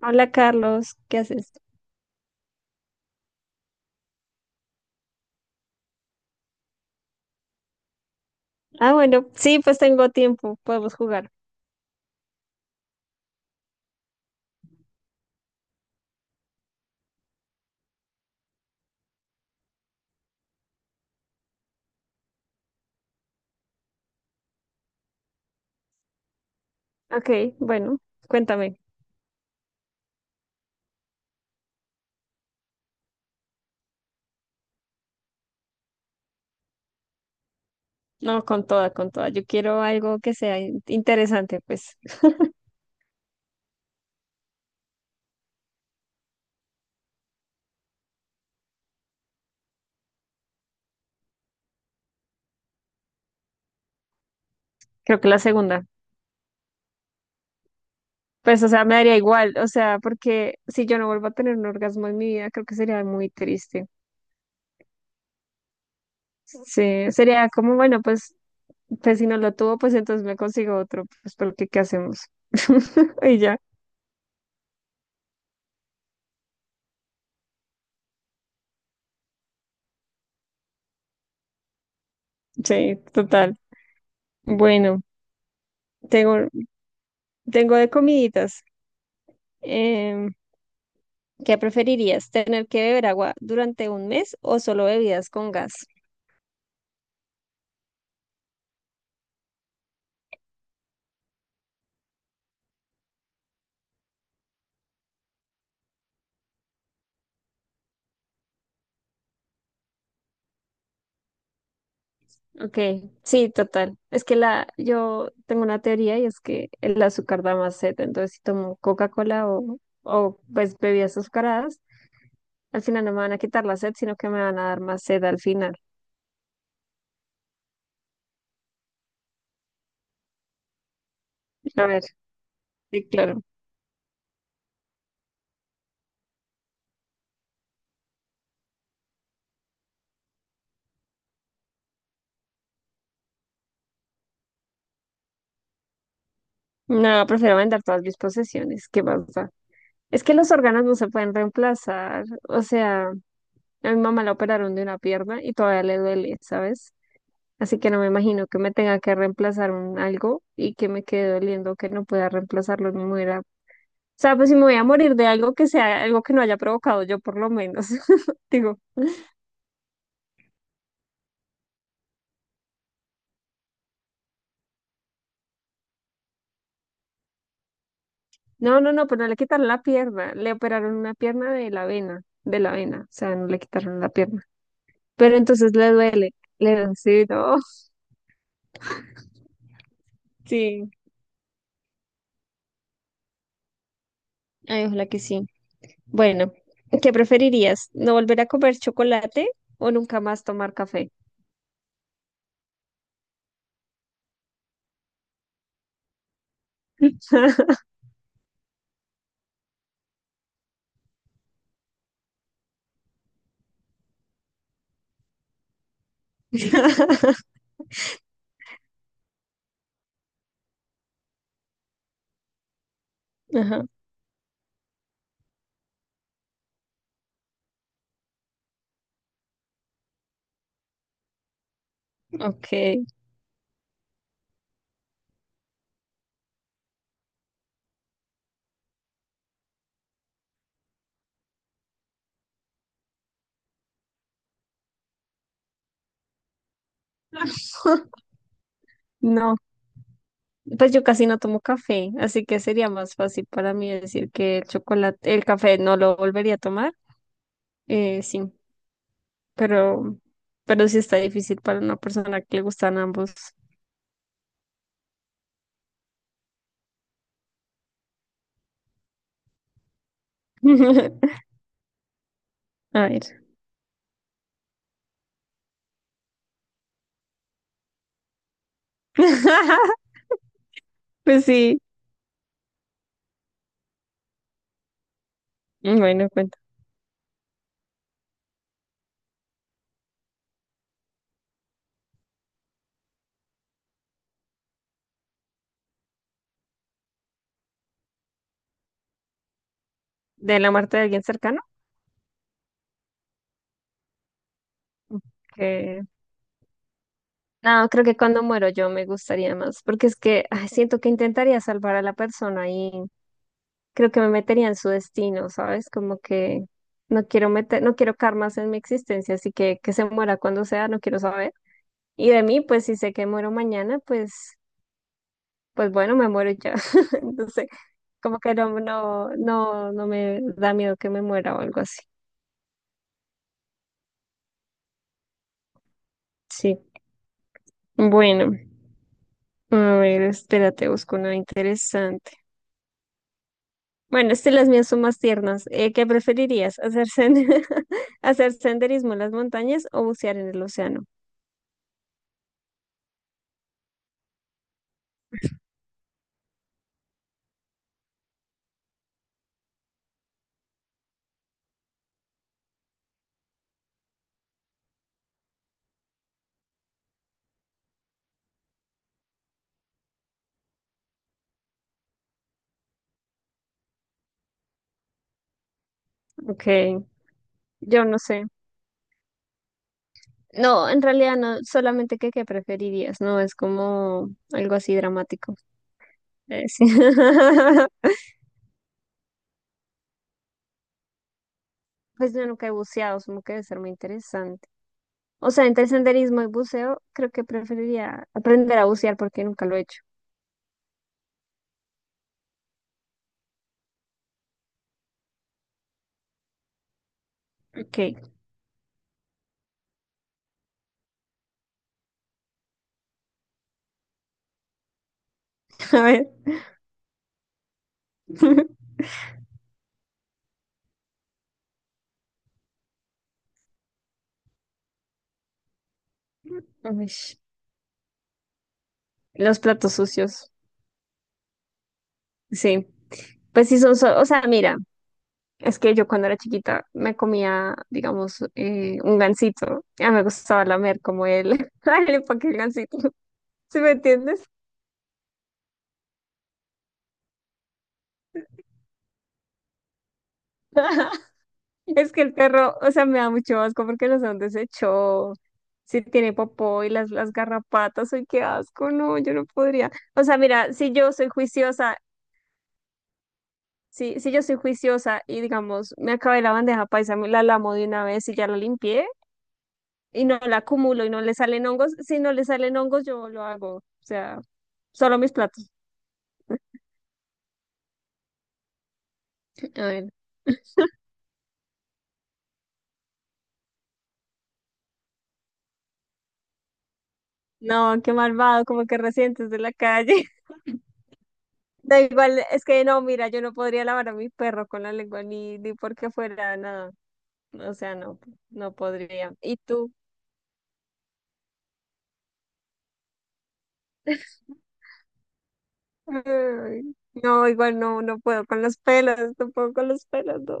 Hola Carlos, ¿qué haces? Ah, bueno, sí, pues tengo tiempo, podemos jugar. Ok, bueno, cuéntame. No, con toda, con toda. Yo quiero algo que sea interesante, pues creo que la segunda. Pues, o sea, me daría igual, o sea, porque si yo no vuelvo a tener un orgasmo en mi vida, creo que sería muy triste. Sí, sería como, bueno, pues si no lo tuvo, pues entonces me consigo otro, pues porque ¿qué hacemos? Y ya, sí, total. Bueno, tengo, tengo de comiditas. Em, ¿Qué preferirías? ¿Tener que beber agua durante un mes o solo bebidas con gas? Ok, sí, total. Es que yo tengo una teoría y es que el azúcar da más sed, entonces si tomo Coca-Cola o pues bebidas azucaradas, al final no me van a quitar la sed, sino que me van a dar más sed al final. A ver, sí, claro. No, prefiero vender todas mis posesiones, ¿qué pasa? Es que los órganos no se pueden reemplazar, o sea, a mi mamá la operaron de una pierna y todavía le duele, ¿sabes? Así que no me imagino que me tenga que reemplazar un algo y que me quede doliendo que no pueda reemplazarlo ni muera. O sea, pues si me voy a morir de algo que sea algo que no haya provocado yo por lo menos. Digo, no, no, no, pero no le quitaron la pierna, le operaron una pierna de la vena, o sea, no le quitaron la pierna. Pero entonces le duele, sí, no, sí, ay, ojalá que sí. Bueno, ¿qué preferirías? ¿No volver a comer chocolate o nunca más tomar café? Ajá, ok. No, pues yo casi no tomo café, así que sería más fácil para mí decir que el chocolate, el café no lo volvería a tomar. Sí, pero, pero sí está difícil para una persona que le gustan ambos. A ver. Pues sí, bueno, cuenta. ¿De la muerte de alguien cercano? Que... No, creo que cuando muero yo me gustaría más, porque es que ay, siento que intentaría salvar a la persona y creo que me metería en su destino, ¿sabes? Como que no quiero meter, no quiero karmas en mi existencia, así que se muera cuando sea, no quiero saber. Y de mí, pues si sé que muero mañana, pues bueno, me muero y ya. Entonces, como que no, no, no, no me da miedo que me muera o algo así. Sí. Bueno, a ver, espérate, busco una interesante. Bueno, las mías son más tiernas. ¿Qué preferirías? ¿Hacer senderismo en las montañas o bucear en el océano? Ok, yo no sé. No, en realidad no, solamente que qué preferirías, no es como algo así dramático. Sí. Pues yo nunca he buceado, supongo que debe ser muy interesante. O sea, entre senderismo y buceo, creo que preferiría aprender a bucear porque nunca lo he hecho. Ok, a ver. Uish, los platos sucios. Sí, pues sí son, o sea, mira, es que yo cuando era chiquita me comía, digamos, un gansito. Ya me gustaba lamer como él. El empaque del gansito, ¿sí me entiendes? Es que el perro, o sea, me da mucho asco porque los han deshecho. Si tiene popó y las garrapatas, ay, qué asco, no, yo no podría. O sea, mira, si yo soy juiciosa, si yo soy juiciosa y digamos, me acabé la bandeja paisa, me la lamo de una vez y ya la limpié y no la acumulo y no le salen hongos, si no le salen hongos, yo lo hago. O sea, solo mis platos. A ver. No, qué malvado, como que recientes de la calle. Da igual, es que no, mira, yo no podría lavar a mi perro con la lengua ni porque fuera nada. O sea, no, no podría. ¿Y tú? Ay, no, igual no, no puedo con los pelos, no puedo con los pelos, no.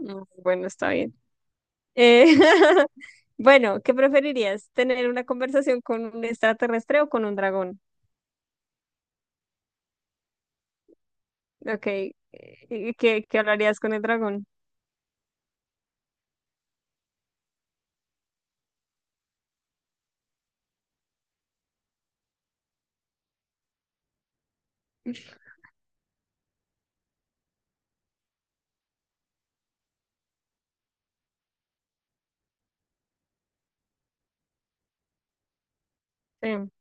No, bueno, está bien. Eh, bueno, ¿qué preferirías? ¿Tener una conversación con un extraterrestre o con un dragón? Ok, ¿Qué hablarías con el dragón? Sí.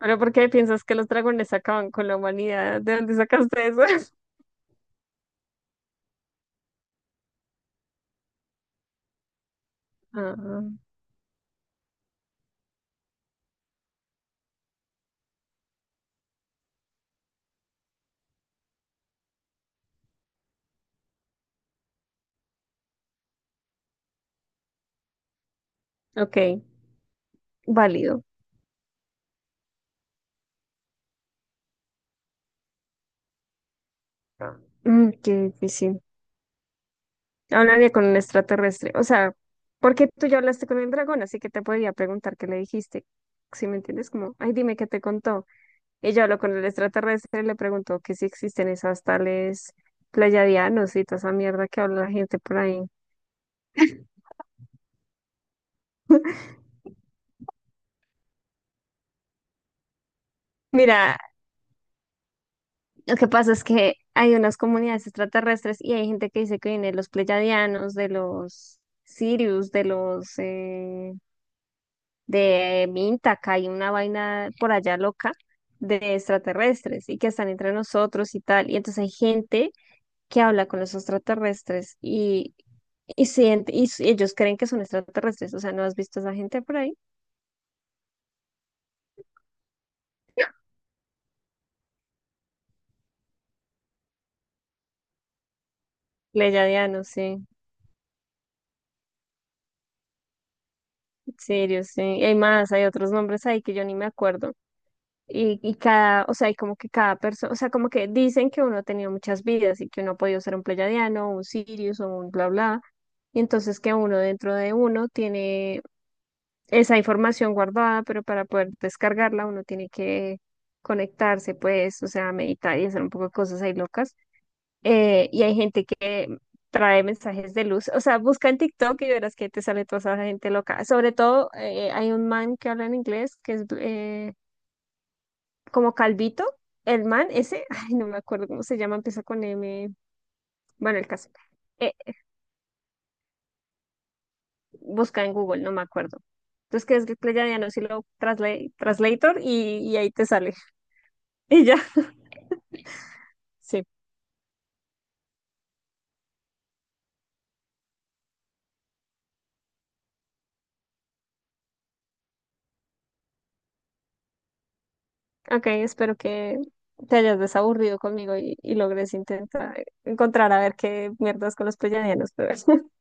Ahora, ¿por qué piensas que los dragones acaban con la humanidad? ¿De dónde sacaste eso? Ah, ok, válido. Qué difícil. Hablaría con un extraterrestre. O sea, porque tú ya hablaste con el dragón, así que te podría preguntar qué le dijiste. Si me entiendes, como, ay, dime qué te contó. Ella habló con el extraterrestre y le preguntó que si existen esas tales pleiadianos y toda esa mierda que habla la gente por ahí. Mira, lo que pasa es que hay unas comunidades extraterrestres y hay gente que dice que viene de los pleiadianos, de los Sirius, de Minta, que hay una vaina por allá loca de extraterrestres y que están entre nosotros y tal. Y entonces hay gente que habla con los extraterrestres ellos creen que son extraterrestres. O sea, ¿no has visto a esa gente por ahí? Pleyadianos, sí, Sirius, sí. Y hay más, hay otros nombres ahí que yo ni me acuerdo. Y cada, o sea, y como que cada persona, o sea, como que dicen que uno ha tenido muchas vidas y que uno ha podido ser un pleyadiano, un Sirius o un bla bla. Y entonces que uno dentro de uno tiene esa información guardada, pero para poder descargarla uno tiene que conectarse, pues, o sea, meditar y hacer un poco de cosas ahí locas. Y hay gente que trae mensajes de luz, o sea, busca en TikTok y verás que te sale toda esa gente loca. Sobre todo, hay un man que habla en inglés que es como Calvito, el man ese, ay, no me acuerdo cómo se llama, empieza con M, bueno, el caso. Eh, busca en Google, no me acuerdo. Entonces, que es que le llaman así Translator y ahí te sale. Y ya. Sí, ok, espero que te hayas desaburrido conmigo y logres intentar encontrar a ver qué mierdas con los pleyadianos, pero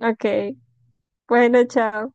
ok, bueno, chao.